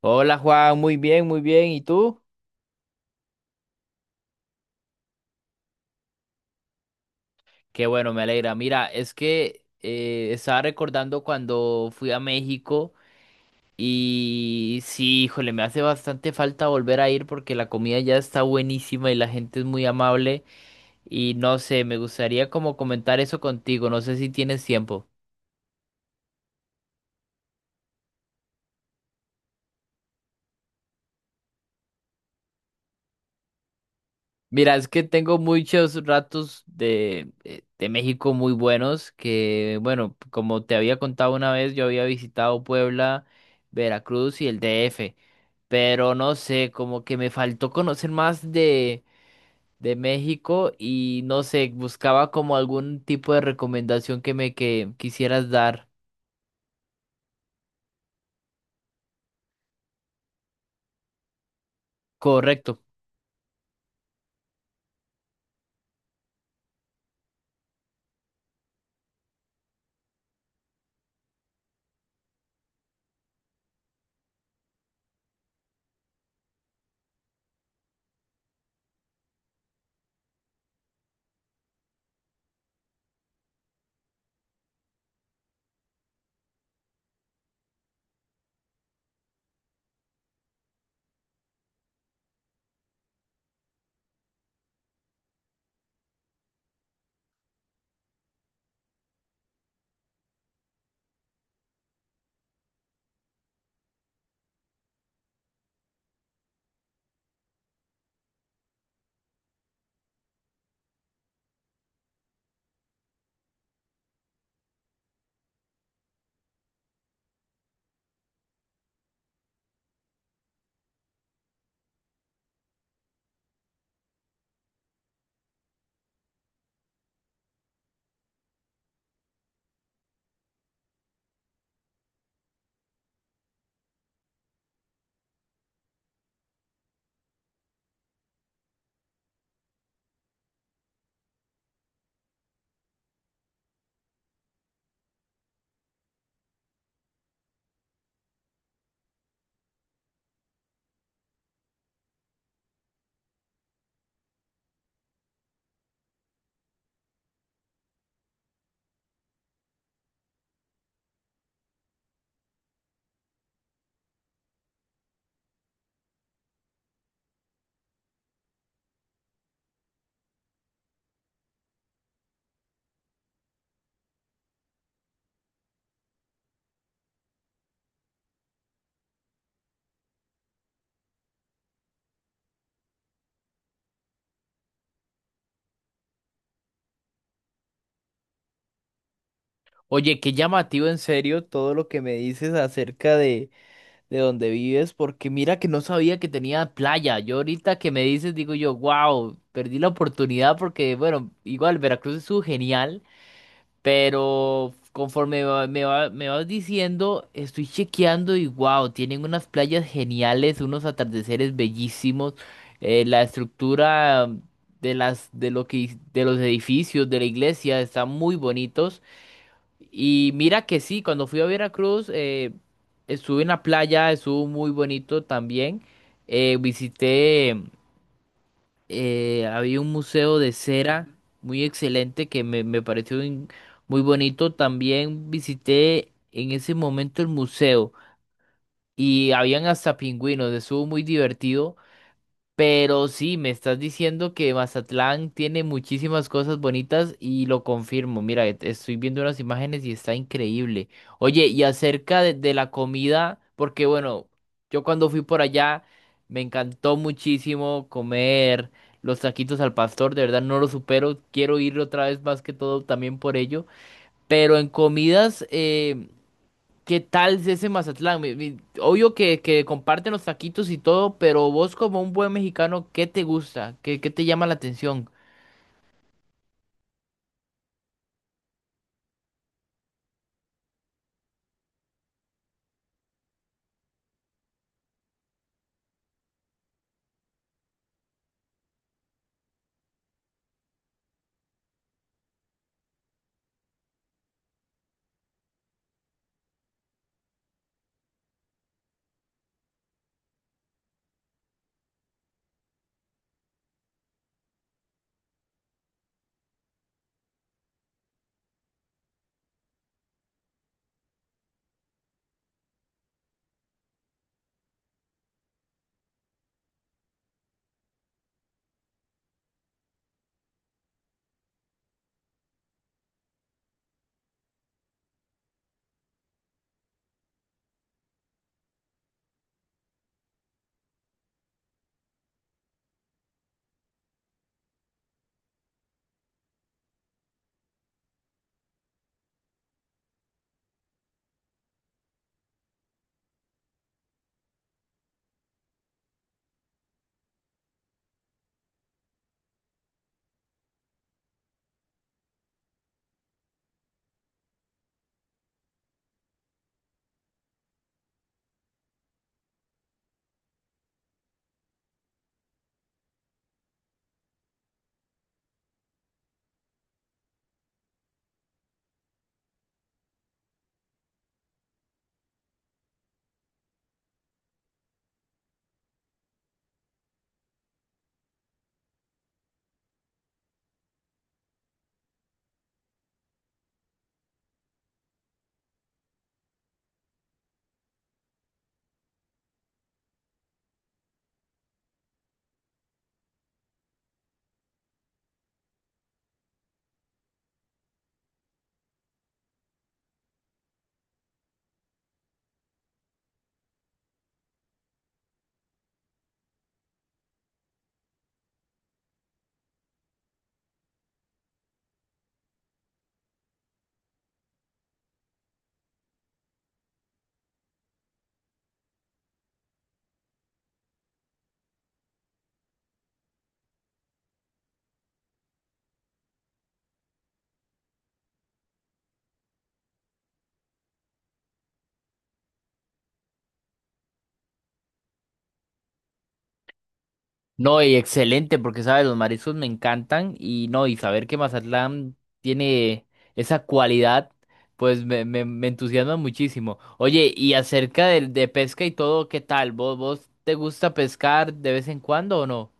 Hola Juan, muy bien, muy bien. ¿Y tú? Qué bueno, me alegra. Mira, es que estaba recordando cuando fui a México y sí, híjole, me hace bastante falta volver a ir porque la comida ya está buenísima y la gente es muy amable y no sé, me gustaría como comentar eso contigo, no sé si tienes tiempo. Mira, es que tengo muchos ratos de de México muy buenos que, bueno, como te había contado una vez, yo había visitado Puebla, Veracruz y el DF. Pero no sé, como que me faltó conocer más de México y no sé, buscaba como algún tipo de recomendación que quisieras dar. Correcto. Oye, qué llamativo en serio todo lo que me dices acerca de donde vives, porque mira que no sabía que tenía playa. Yo ahorita que me dices, digo yo, wow, perdí la oportunidad porque, bueno, igual Veracruz es genial. Pero conforme me vas diciendo, estoy chequeando y wow, tienen unas playas geniales, unos atardeceres bellísimos, la estructura de las de lo que de los edificios de la iglesia están muy bonitos. Y mira que sí, cuando fui a Veracruz, estuve en la playa, estuvo muy bonito también. Visité había un museo de cera muy excelente que me pareció muy bonito. También visité en ese momento el museo y habían hasta pingüinos, estuvo muy divertido. Pero sí, me estás diciendo que Mazatlán tiene muchísimas cosas bonitas y lo confirmo. Mira, estoy viendo unas imágenes y está increíble. Oye, y acerca de la comida, porque bueno, yo cuando fui por allá me encantó muchísimo comer los taquitos al pastor, de verdad no lo supero. Quiero ir otra vez más que todo también por ello. Pero en comidas, ¿qué tal es ese Mazatlán? Obvio que comparten los taquitos y todo, pero vos como un buen mexicano, ¿qué te gusta? Qué te llama la atención? No, y excelente, porque sabes, los mariscos me encantan y no, y saber que Mazatlán tiene esa cualidad, pues me entusiasma muchísimo. Oye, y acerca de pesca y todo, ¿qué tal? Vos te gusta pescar de vez en cuando o no?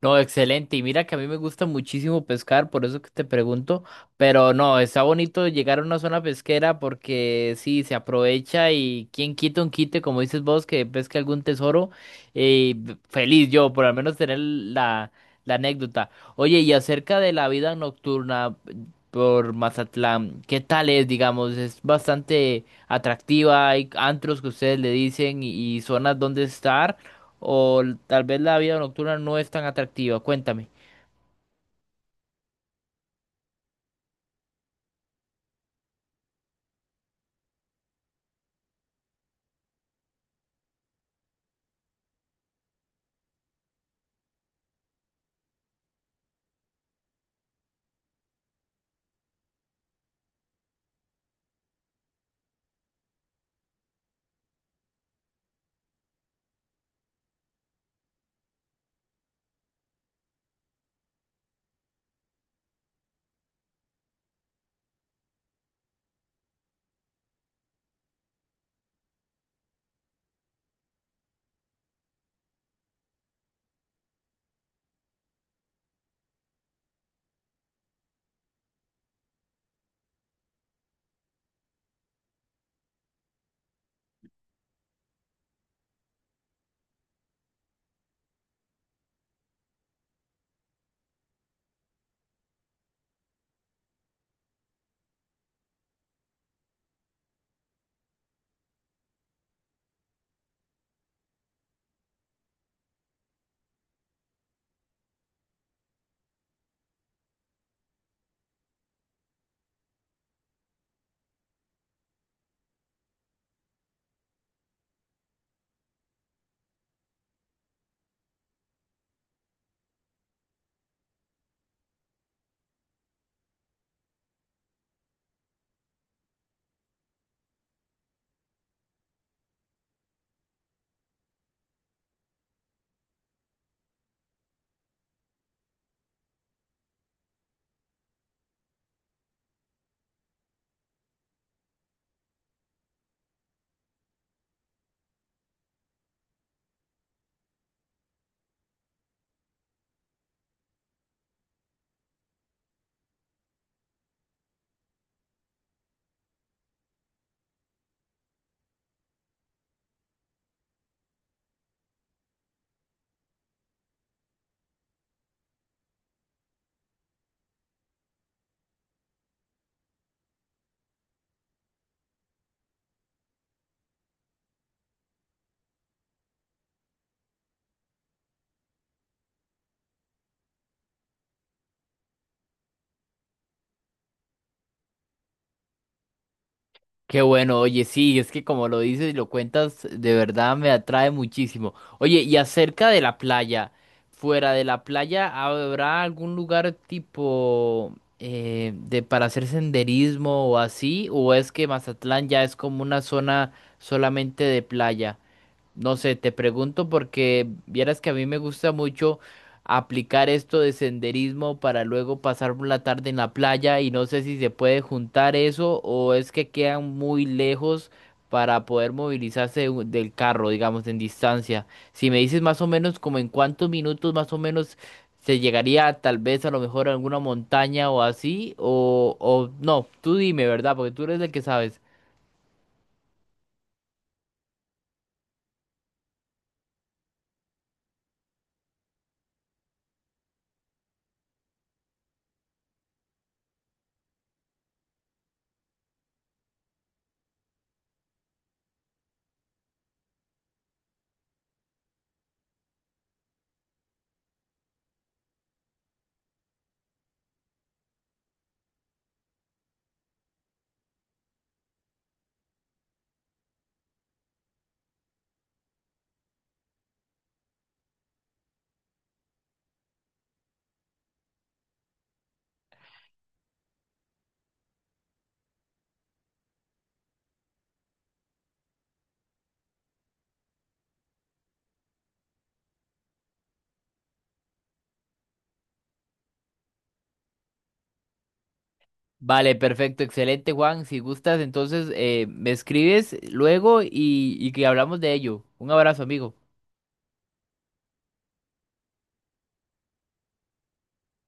No, excelente. Y mira que a mí me gusta muchísimo pescar, por eso que te pregunto. Pero no, está bonito llegar a una zona pesquera porque sí, se aprovecha y quien quita un quite, como dices vos, que pesque algún tesoro. eh, Feliz yo, por al menos tener la, la anécdota. Oye, y acerca de la vida nocturna por Mazatlán, ¿qué tal es, digamos? Es bastante atractiva, hay antros que ustedes le dicen y zonas donde estar o tal vez la vida nocturna no es tan atractiva. Cuéntame. Qué bueno, oye, sí, es que como lo dices y lo cuentas, de verdad me atrae muchísimo. Oye, y acerca de la playa, fuera de la playa, ¿habrá algún lugar tipo de para hacer senderismo o así? ¿O es que Mazatlán ya es como una zona solamente de playa? No sé, te pregunto porque vieras que a mí me gusta mucho aplicar esto de senderismo para luego pasar la tarde en la playa y no sé si se puede juntar eso o es que quedan muy lejos para poder movilizarse de del carro, digamos, en distancia. Si me dices más o menos como en cuántos minutos más o menos se llegaría tal vez a lo mejor a alguna montaña o así o no, tú dime, ¿verdad? Porque tú eres el que sabes. Vale, perfecto, excelente, Juan. Si gustas, entonces me escribes luego y que hablamos de ello. Un abrazo, amigo.